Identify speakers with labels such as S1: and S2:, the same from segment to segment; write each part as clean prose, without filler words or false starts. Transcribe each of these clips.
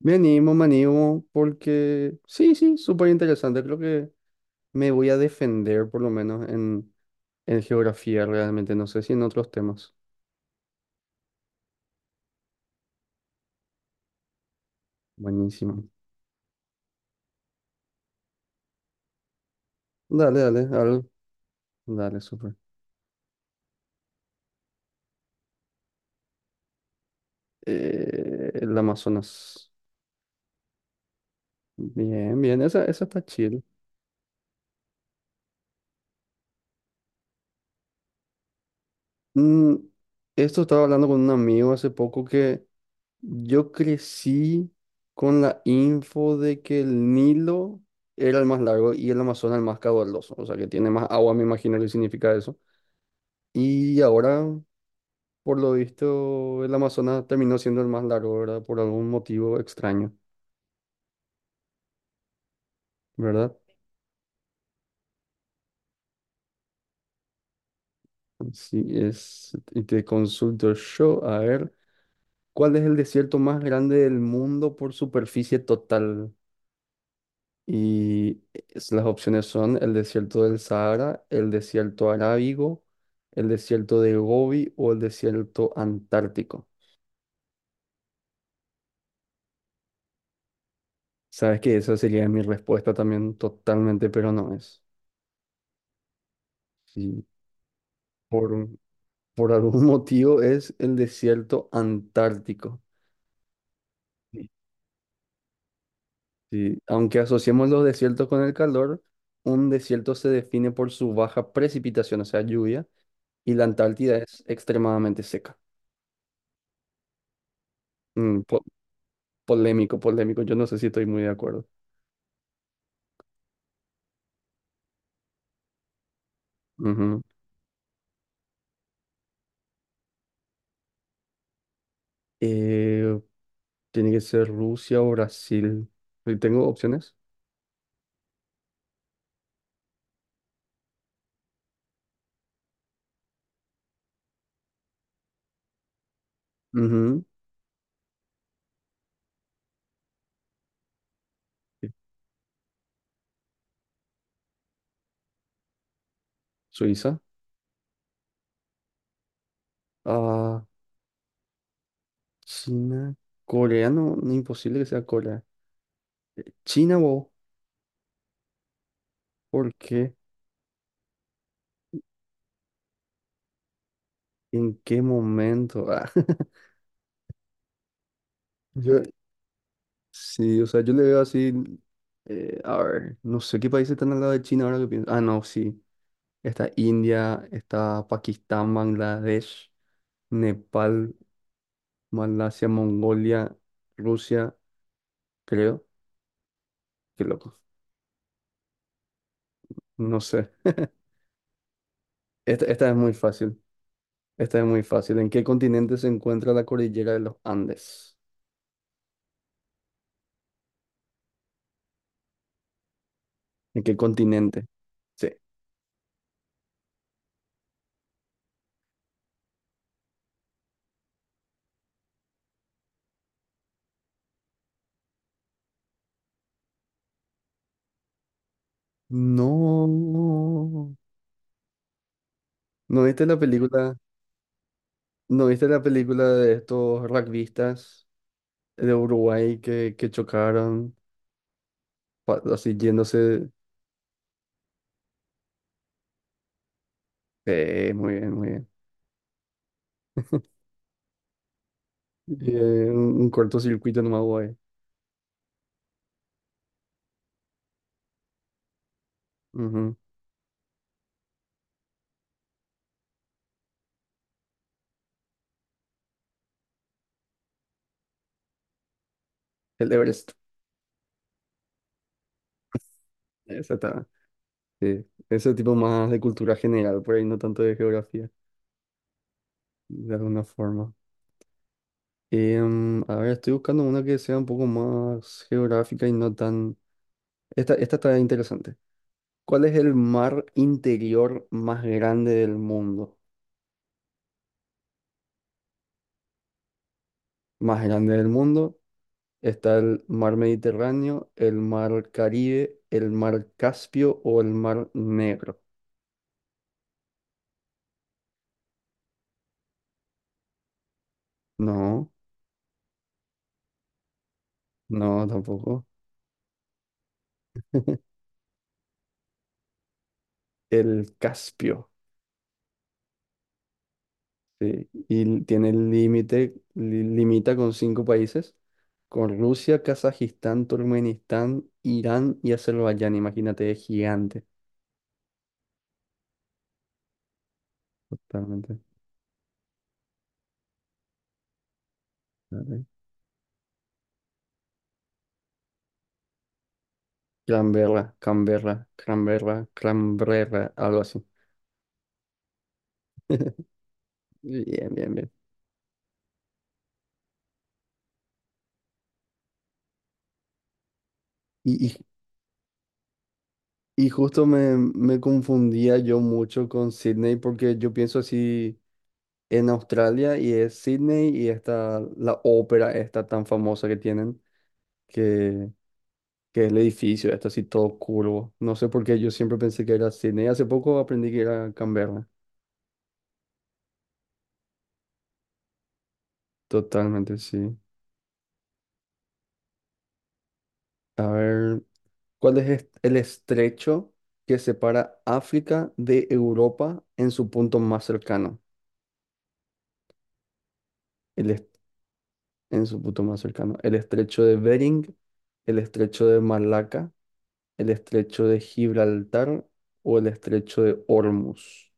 S1: Me animo, porque sí, sí, súper interesante. Creo que me voy a defender por lo menos en geografía realmente, no sé si en otros temas. Buenísimo. Dale, dale, dale, dale, súper. El Amazonas. Bien, bien, esa está chill. Mm, esto estaba hablando con un amigo hace poco que yo crecí con la info de que el Nilo era el más largo y el Amazonas el más caudaloso, o sea que tiene más agua, me imagino que significa eso. Y ahora, por lo visto, el Amazonas terminó siendo el más largo, ¿verdad? Por algún motivo extraño, ¿verdad? Así es. Y te consulto yo, a ver, ¿cuál es el desierto más grande del mundo por superficie total? Y las opciones son el desierto del Sahara, el desierto arábigo, el desierto de Gobi o el desierto antártico. Sabes que esa sería mi respuesta también totalmente, pero no es. Sí, por, por algún motivo es el desierto antártico. Sí, sí, aunque asociemos los desiertos con el calor, un desierto se define por su baja precipitación, o sea, lluvia, y la Antártida es extremadamente seca. Mm, po- Polémico, polémico. Yo no sé si estoy muy de acuerdo. Ujú. Eh, Tiene que ser Rusia o Brasil. ¿Tengo opciones? Ujú. Sí, Suiza. Ah, China. Corea, no, no, imposible que sea Corea. China, wow. ¿Por qué? ¿En qué momento? Ah, yo, sí, o sea, yo le veo así. A ver, no sé qué países están al lado de China ahora que pienso. Ah, no, sí. Está India, está Pakistán, Bangladesh, Nepal. Malasia, Mongolia, Rusia, creo. Qué loco. No sé. Esta es muy fácil. Esta es muy fácil. ¿En qué continente se encuentra la cordillera de los Andes? ¿En qué continente? Sí. No. ¿No viste la película? ¿No viste la película de estos rugbyistas de Uruguay que chocaron? Así yéndose. Muy bien, muy bien. Un cortocircuito nomás, güey. Ujú. El Everest. Exactamente. Sí, eso tipo más de cultura general, por ahí no tanto de geografía, de alguna forma. A ver, estoy buscando una que sea un poco más geográfica y no tan... Esta está interesante. ¿Cuál es el mar interior más grande del mundo? Más grande del mundo está el mar Mediterráneo, el mar Caribe, el mar Caspio o el mar Negro. No, no, tampoco. El Caspio. Sí, y tiene el límite, limita con 5 países, con Rusia, Kazajistán, Turkmenistán, Irán y Azerbaiyán. Imagínate, es gigante. Totalmente. Vale. Canberra, Canberra, Canberra, Canberra, algo así. Bien, bien, bien. Y, y- y justo me, me confundía yo mucho con Sydney porque yo pienso así en Australia y es Sydney y está la ópera esta tan famosa que tienen que que es el edificio, está así todo curvo. No sé por qué yo siempre pensé que era Sydney. Hace poco aprendí que era Canberra. Totalmente, sí. A ver, ¿cuál es el estrecho que separa África de Europa en su punto más cercano? El est- en su punto más cercano. El estrecho de Bering, el estrecho de Malaca, el estrecho de Gibraltar o el estrecho de Hormuz.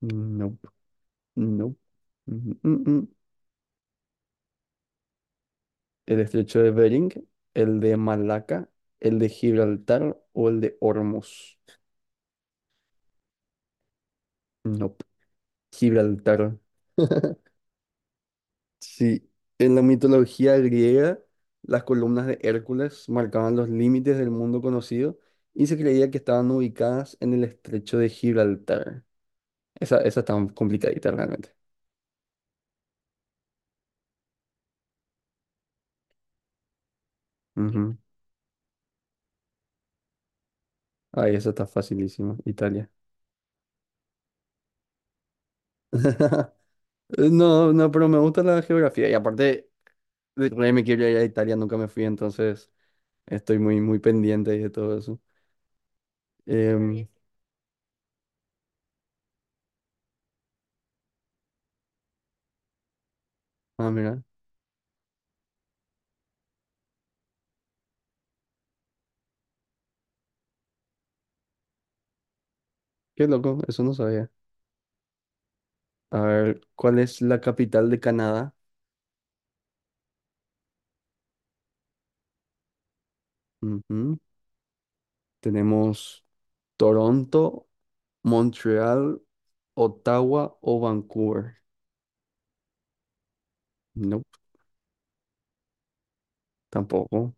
S1: No, no. El estrecho de Bering, el de Malaca, el de Gibraltar o el de Hormuz. No, Gibraltar. Sí, en la mitología griega, las columnas de Hércules marcaban los límites del mundo conocido y se creía que estaban ubicadas en el estrecho de Gibraltar. Esa está complicadita realmente. Ujú. Ay, esa está facilísima, Italia. No, no, pero me gusta la geografía y aparte, de re me quiero ir a Italia, nunca me fui, entonces estoy muy, muy pendiente de todo eso. Em, Mira, qué loco, eso no sabía. A ver, ¿cuál es la capital de Canadá? Ujú, tenemos Toronto, Montreal, Ottawa o Vancouver. No, tampoco.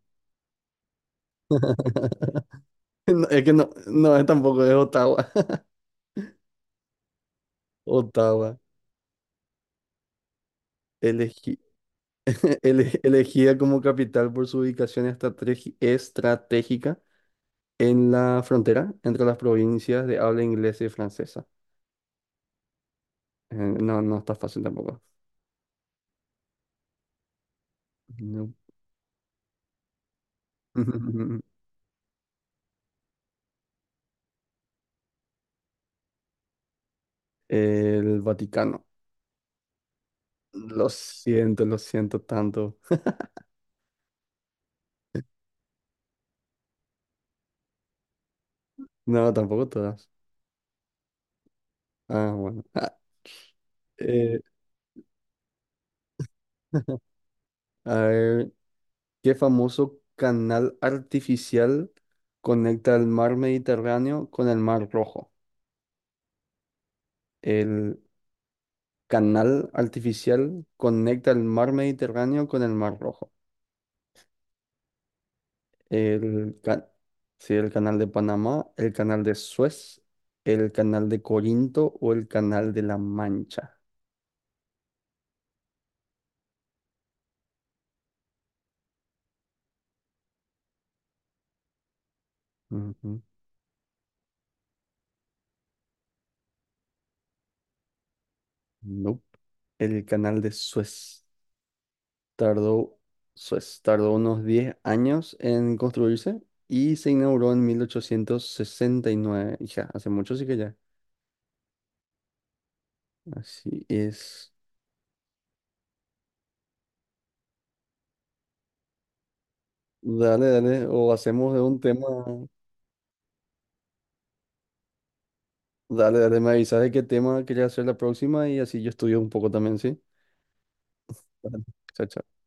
S1: No, es que no, no es tampoco, es Ottawa. Ottawa, elegi- elegida como capital por su ubicación estratégica en la frontera entre las provincias de habla inglesa y francesa. No, no está fácil tampoco. No. El Vaticano. Lo siento tanto. No, tampoco todas. Ah, bueno. Eh, a ver, ¿qué famoso canal artificial conecta el mar Mediterráneo con el mar Rojo? El canal artificial conecta el mar Mediterráneo con el mar Rojo. el, ca- sí, el canal de Panamá, el canal de Suez, el canal de Corinto o el canal de La Mancha. Ujú. Nope. El canal de tardó, Suez tardó unos 10 años en construirse y se inauguró en 1869. Hija, hace mucho sí que ya. Así es. Dale, dale, o hacemos de un tema. Dale, dale, me avisas de qué tema quería hacer la próxima y así yo estudio un poco también, ¿sí? Dale. Chao, chao.